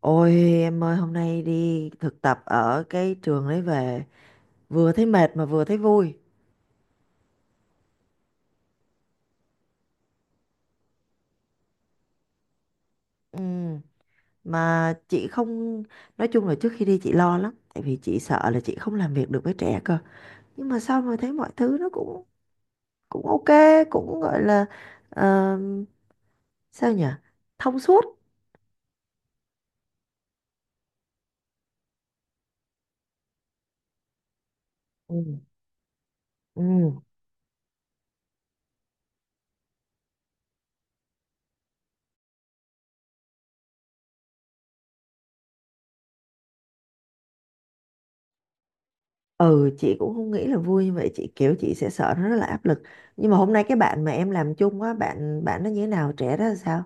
Ôi em ơi, hôm nay đi thực tập ở cái trường đấy về vừa thấy mệt mà vừa thấy vui. Ừ. Mà chị không, nói chung là trước khi đi chị lo lắm tại vì chị sợ là chị không làm việc được với trẻ cơ, nhưng mà sau mà thấy mọi thứ nó cũng cũng ok, cũng gọi là, ờ, sao nhỉ, thông suốt. Ừ. Ừ. Ừ, chị cũng không nghĩ là vui như vậy. Chị kiểu chị sẽ sợ nó rất là áp lực, nhưng mà hôm nay cái bạn mà em làm chung á, bạn bạn nó như thế nào, trẻ đó là sao?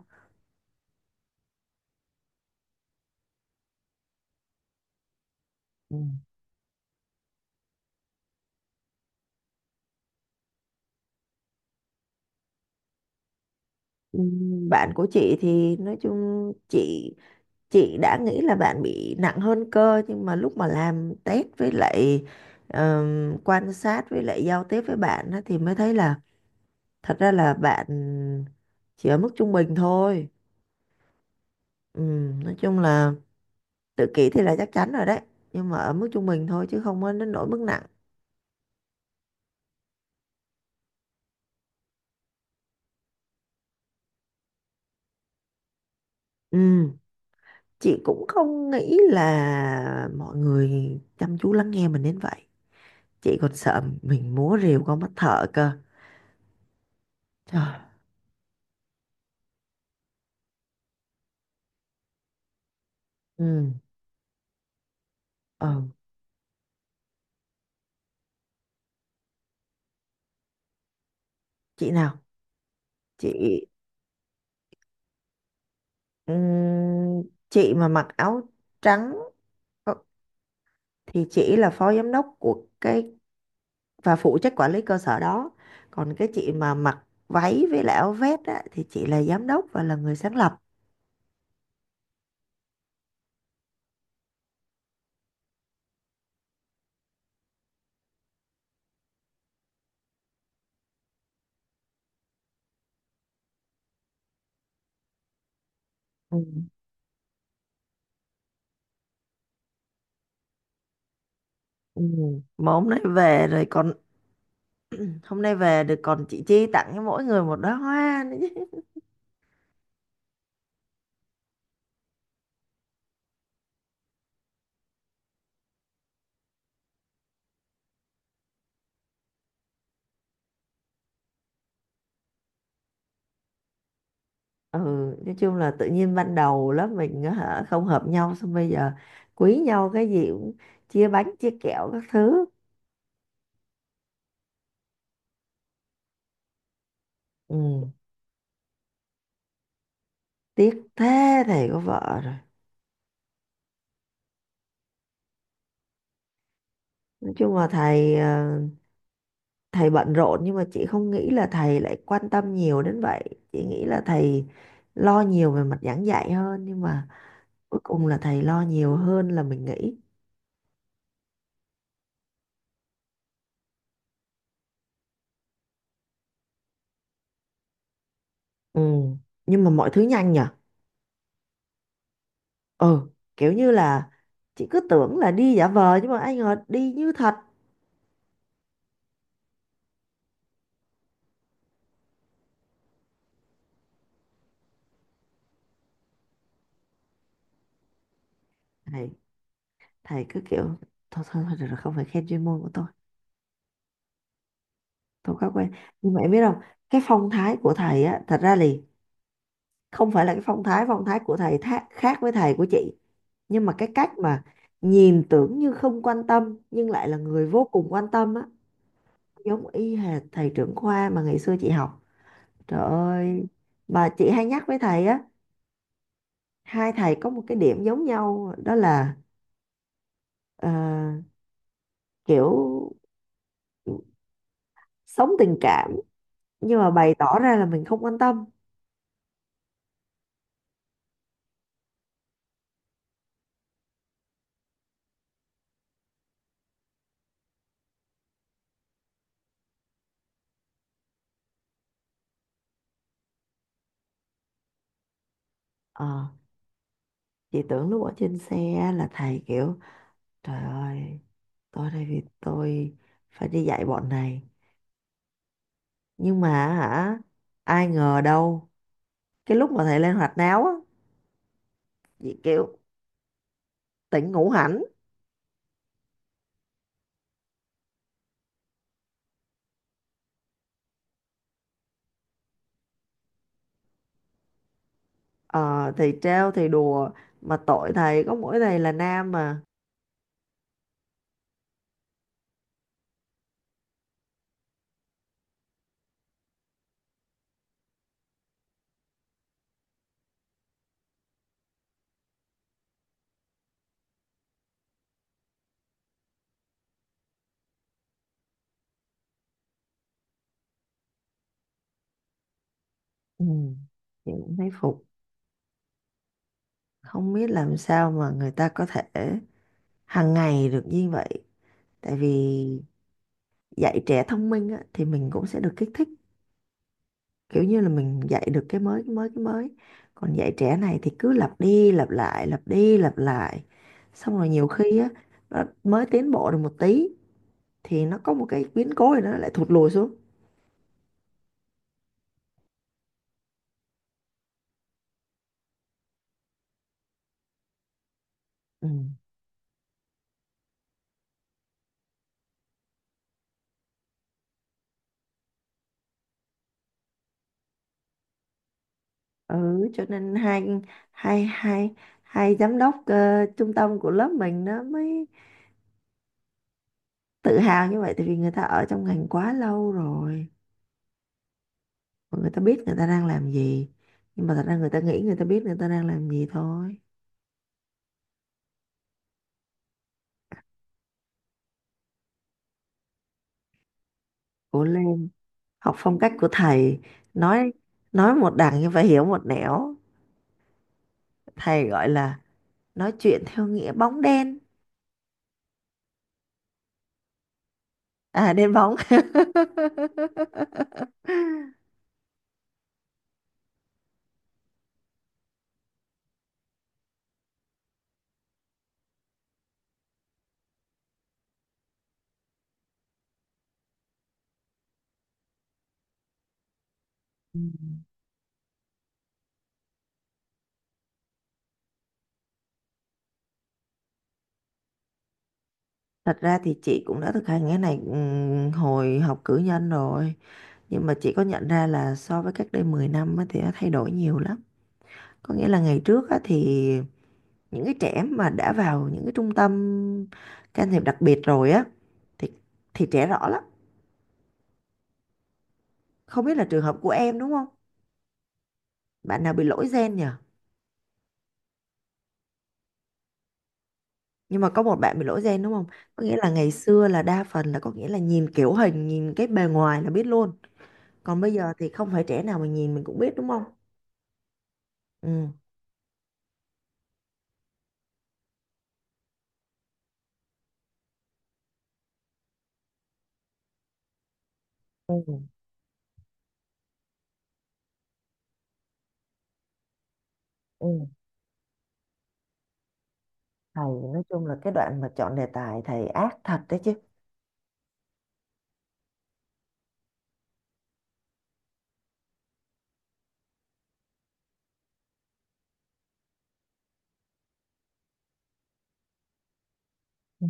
Ừ. Bạn của chị thì nói chung chị đã nghĩ là bạn bị nặng hơn cơ, nhưng mà lúc mà làm test với lại quan sát với lại giao tiếp với bạn á, thì mới thấy là thật ra là bạn chỉ ở mức trung bình thôi. Nói chung là tự kỷ thì là chắc chắn rồi đấy, nhưng mà ở mức trung bình thôi chứ không có đến nỗi mức nặng. Ừm, Chị cũng không nghĩ là mọi người chăm chú lắng nghe mình đến vậy. Chị còn sợ mình múa rìu con mắt thợ cơ. Trời, ừ, ờ, chị nào, chị, ừm, chị mà mặc áo trắng, ờ, thì chị là phó giám đốc của cái và phụ trách quản lý cơ sở đó. Còn cái chị mà mặc váy với lại áo vest á, thì chị là giám đốc và là người sáng lập. Ừ. Ừ. Mà hôm nay về rồi còn, hôm nay về được còn chị Chi tặng cho mỗi người một đóa hoa nữa. Ừ, nói chung là tự nhiên ban đầu lớp mình á hả không hợp nhau, xong bây giờ quý nhau, cái gì cũng chia bánh chia kẹo các thứ. Ừ, tiếc thế, thầy có vợ rồi. Nói chung là thầy, thầy bận rộn, nhưng mà chị không nghĩ là thầy lại quan tâm nhiều đến vậy. Chị nghĩ là thầy lo nhiều về mặt giảng dạy hơn, nhưng mà cuối cùng là thầy lo nhiều hơn là mình nghĩ. Ừ, nhưng mà mọi thứ nhanh nhở. Ừ, kiểu như là chị cứ tưởng là đi giả vờ nhưng mà ai ngờ đi như thật. Thầy thầy cứ kiểu thôi thôi thôi được rồi, không phải khen chuyên môn của tôi quá quen. Nhưng mà em biết không, cái phong thái của thầy á, thật ra thì không phải là cái phong thái, của thầy khác với thầy của chị, nhưng mà cái cách mà nhìn tưởng như không quan tâm nhưng lại là người vô cùng quan tâm á, giống y hệt thầy trưởng khoa mà ngày xưa chị học. Trời ơi, mà chị hay nhắc với thầy á, hai thầy có một cái điểm giống nhau, đó là, ờ, kiểu sống tình cảm nhưng mà bày tỏ ra là mình không quan tâm. Ờ. Chị tưởng lúc ở trên xe là thầy kiểu trời ơi, tôi đây vì tôi phải đi dạy bọn này, nhưng mà, hả, ai ngờ đâu cái lúc mà thầy lên hoạt náo á, chị kiểu tỉnh ngủ hẳn. Ờ thì trêu thì đùa, mà tội thầy, có mỗi thầy là nam mà. Ừ, chị cũng thấy phục, không biết làm sao mà người ta có thể hàng ngày được như vậy, tại vì dạy trẻ thông minh á, thì mình cũng sẽ được kích thích, kiểu như là mình dạy được cái mới cái mới cái mới, còn dạy trẻ này thì cứ lặp đi lặp lại lặp đi lặp lại, xong rồi nhiều khi á nó mới tiến bộ được một tí thì nó có một cái biến cố thì nó lại thụt lùi xuống. Ừ. Ừ, cho nên hai hai hai hai giám đốc trung tâm của lớp mình nó mới tự hào như vậy, tại vì người ta ở trong ngành quá lâu rồi và người ta biết người ta đang làm gì, nhưng mà thật ra người ta nghĩ người ta biết người ta đang làm gì thôi. Cố lên, học phong cách của thầy. Nói nói một đằng nhưng phải hiểu một nẻo. Thầy gọi là nói chuyện theo nghĩa bóng đen. À, đen bóng. Ừ. Thật ra thì chị cũng đã thực hành cái này hồi học cử nhân rồi, nhưng mà chị có nhận ra là so với cách đây 10 năm á thì nó thay đổi nhiều lắm. Có nghĩa là ngày trước á thì những cái trẻ mà đã vào những cái trung tâm can thiệp đặc biệt rồi á thì thì trẻ rõ lắm. Không biết là trường hợp của em đúng không, bạn nào bị lỗi gen nhỉ? Nhưng mà có một bạn bị lỗi gen đúng không? Có nghĩa là ngày xưa là đa phần là có nghĩa là nhìn kiểu hình nhìn cái bề ngoài là biết luôn, còn bây giờ thì không phải trẻ nào mà nhìn mình cũng biết đúng không. Ừ. Ừ, ừ. Thầy, nói chung là cái đoạn mà chọn đề tài thầy ác thật đấy chứ. Ừ.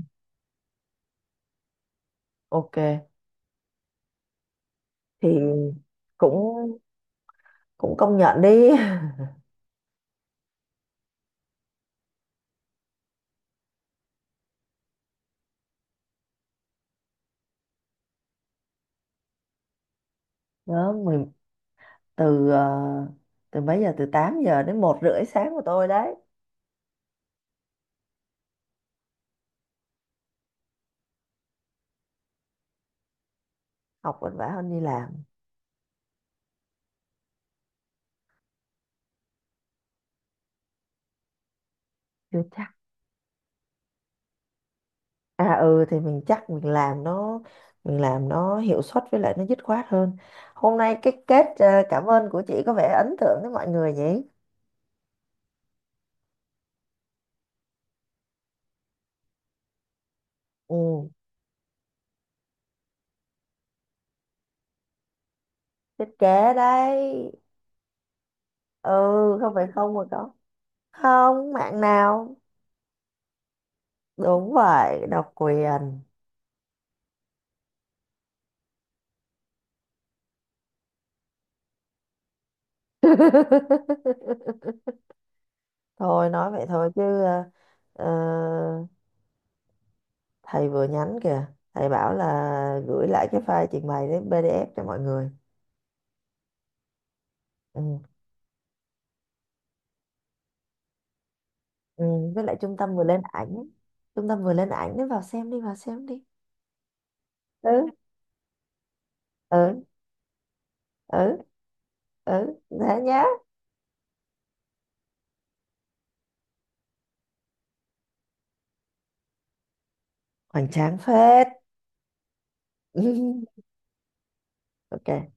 Ok, thì cũng, cũng công nhận đi. Đó, mình từ, từ mấy giờ, từ 8 giờ đến 1 rưỡi sáng của tôi đấy. Học vất vả hơn đi làm. Chưa chắc. À ừ thì mình chắc mình làm nó, mình làm nó hiệu suất với lại nó dứt khoát hơn. Hôm nay cái kết cảm ơn của chị có vẻ ấn tượng với mọi người nhỉ? Ừ, thiết kế đấy. Ừ, không phải không mà có. Không, mạng nào. Đúng vậy, độc quyền. Thôi nói vậy thôi chứ, ờ, thầy vừa nhắn kìa. Thầy bảo là gửi lại cái file trình bày đến PDF cho mọi người. Ừ. Ừ, với lại trung tâm vừa lên ảnh ấy. Trung tâm vừa lên ảnh đấy, vào xem đi, vào xem đi. Ừ. Ừ. Ừ. Ừ thế nhá. Hoành tráng phết. Ok.